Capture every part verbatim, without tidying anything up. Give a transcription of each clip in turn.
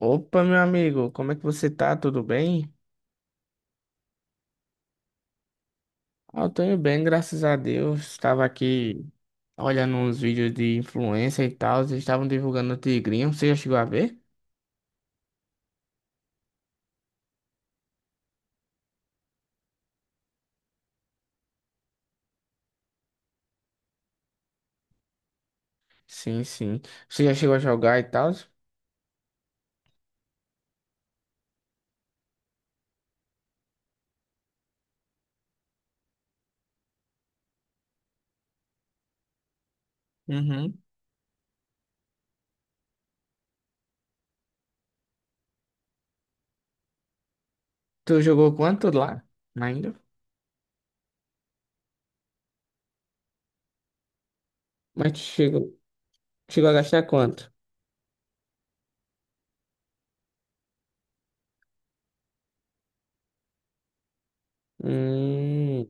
Opa, meu amigo, como é que você tá? Tudo bem? Ah, eu tô indo bem, graças a Deus. Estava aqui olhando uns vídeos de influência e tal, eles estavam divulgando o Tigrinho. Você já chegou a ver? Sim, sim. Você já chegou a jogar e tal? Uhum. Tu jogou quanto lá? Ainda? Mas tu chegou, chegou a gastar quanto? Hum,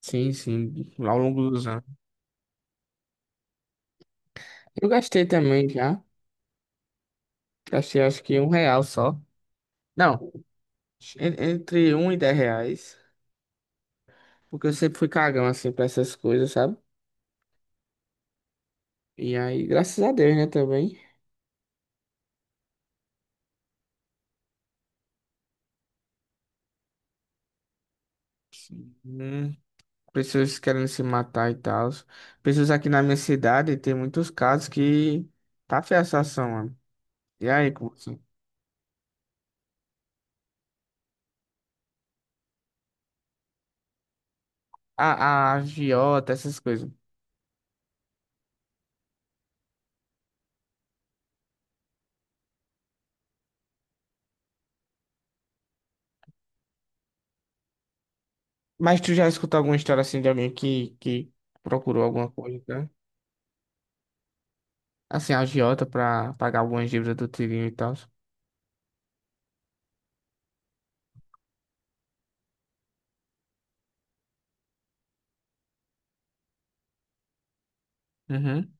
sim, sim, ao longo dos anos. Eu gastei também já. Gastei acho que um real só. Não, en- entre um e dez reais. Porque eu sempre fui cagão, assim, pra essas coisas, sabe? E aí, graças a Deus, né, também. Hum, Pessoas querendo se matar e tal. Pessoas aqui na minha cidade, tem muitos casos que tá feia a situação, mano. E aí, como assim? A, a agiota, essas coisas. Mas tu já escutou alguma história, assim, de alguém que, que procurou alguma coisa, tá? Assim, a agiota pra pagar algumas dívidas do tirinho e tal. Uhum.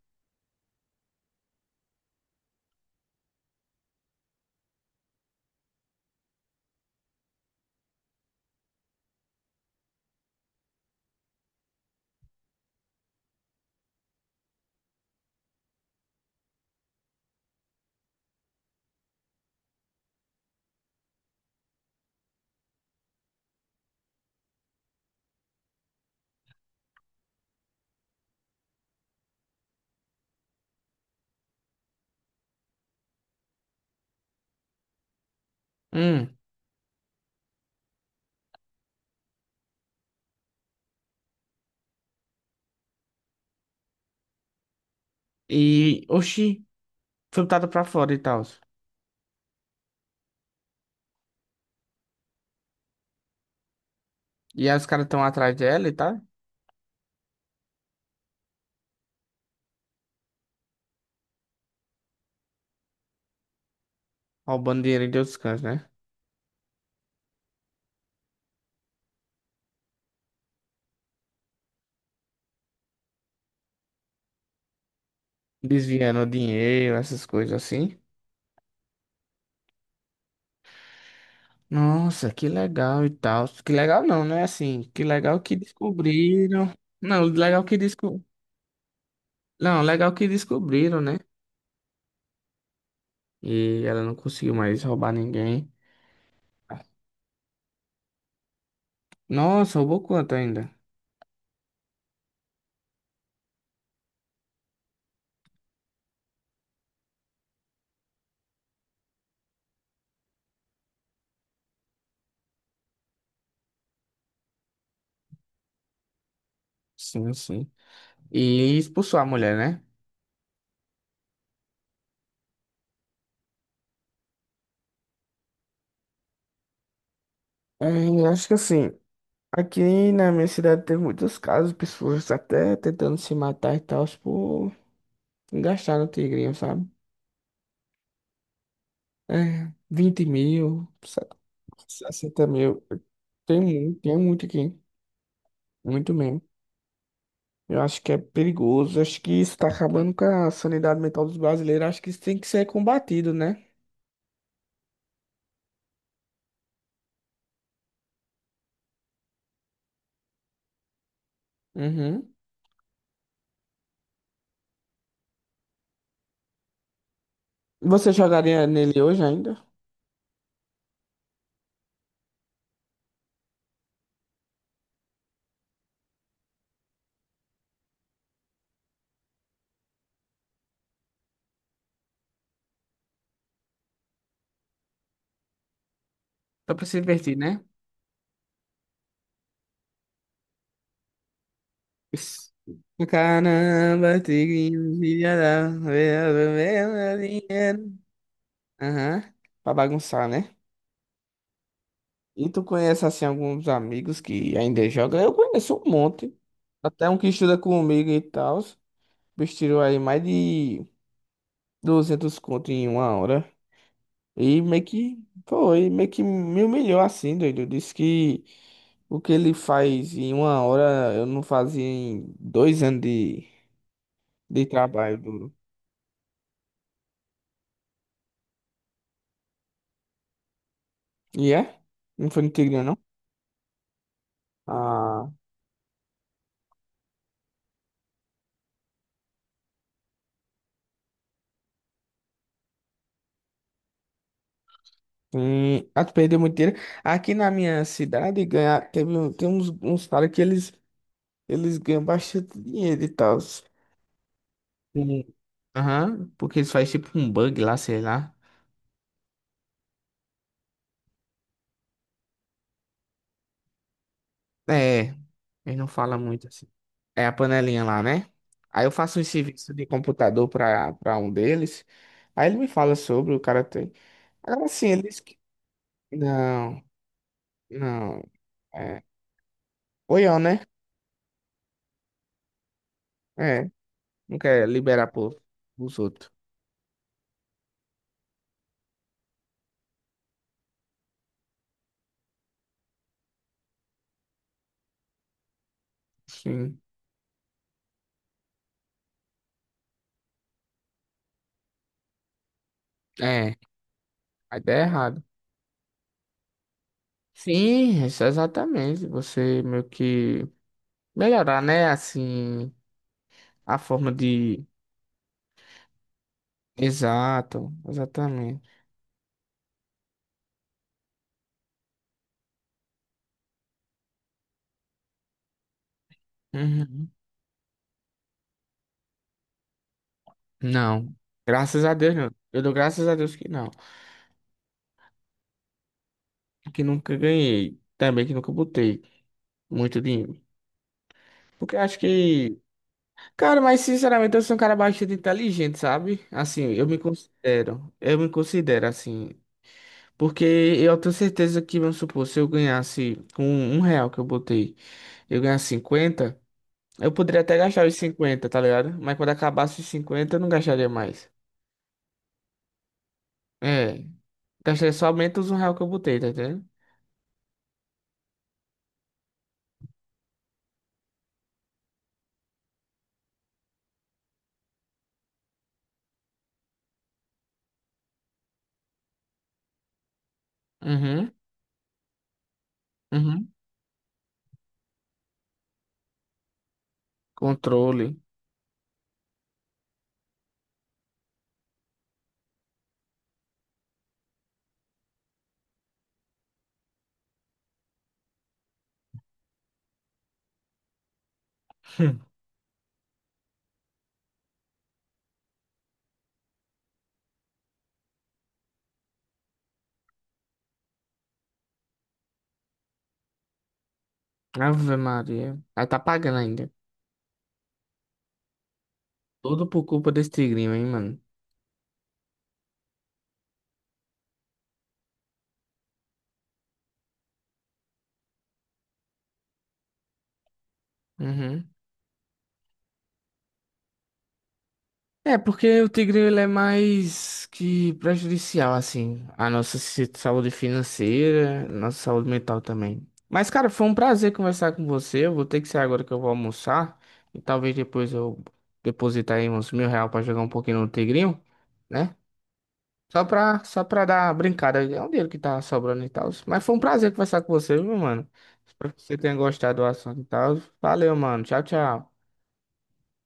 Hum. E, oxi, foi botada pra fora e tal. E aí os caras estão atrás dela e tal. Roubando dinheiro de outros cantos, né? Desviando dinheiro, essas coisas assim. Nossa, que legal e tal. Que legal não, né? Assim, que legal que descobriram. Não, legal que desco... Não, legal que descobriram, né? E ela não conseguiu mais roubar ninguém. Nossa, roubou quanto ainda? Sim, sim. E expulsou a mulher, né? É, eu acho que assim, aqui na minha cidade teve muitos casos, pessoas até tentando se matar e tal, por gastar no tigrinho, sabe? É, 20 mil, 60 mil. Tem muito, tem muito aqui. Muito mesmo. Eu acho que é perigoso. Acho que isso tá acabando com a sanidade mental dos brasileiros. Acho que isso tem que ser combatido, né? Uhum. Você jogaria nele hoje ainda? Só pra se divertir, né? Isso. Caramba, tigrinho, filha da... dinheiro. Aham. Pra bagunçar, né? E tu conhece assim alguns amigos que ainda jogam? Eu conheço um monte. Até um que estuda comigo e tal. O bicho tirou aí mais de duzentos conto em uma hora. E meio que foi, meio que me humilhou assim, doido. Disse que o que ele faz em uma hora eu não fazia em dois anos de, de trabalho duro. E é? Não foi no Tigre, não? Ah, sim. Ah, tu perdeu muito dinheiro. Aqui na minha cidade ganha, teve, um- tem uns, uns caras que eles. Eles ganham bastante dinheiro e tal. Sim. Aham, porque eles fazem tipo um bug lá, sei lá. É, eles não falam muito assim. É a panelinha lá, né? Aí eu faço um serviço de computador pra, pra um deles. Aí ele me fala sobre, o cara tem. Agora sim, eles. que- Não, não. É. Oião, né? É, não quer liberar pro, pros outros. Sim. É, a ideia é errada. Sim, isso é exatamente. Você meio que melhorar, né? Assim. A forma de. Exato, exatamente. Uhum. Não. Graças a Deus, não. Eu dou graças a Deus que não. Que nunca ganhei. Também que nunca botei muito dinheiro. Porque acho que. Cara, mas sinceramente eu sou um cara bastante inteligente, sabe? Assim, eu me considero. Eu me considero assim. Porque eu tenho certeza que, vamos supor, se eu ganhasse com um real que eu botei, eu ganhasse cinquenta eu poderia até gastar os cinquenta tá ligado? Mas quando acabasse os cinquenta eu não gastaria mais. É, gastei somente os um real que eu botei, tá entendendo? Uhum, uhum. Controle. Hum. Ave Maria. Aí tá pagando ainda. Tudo por culpa desse tigrinho, hein, mano? Uhum. É, porque o tigrinho ele é mais que prejudicial, assim, à nossa si- saúde financeira, nossa saúde mental também. Mas, cara, foi um prazer conversar com você. Eu vou ter que sair agora que eu vou almoçar. E talvez depois eu depositar aí uns mil real pra jogar um pouquinho no tigrinho, né? Só pra, só pra dar uma brincada. É um dinheiro que tá sobrando e tal. Mas foi um prazer conversar com você, viu, mano? Espero que você tenha gostado do assunto e tal. Valeu, mano. Tchau, tchau.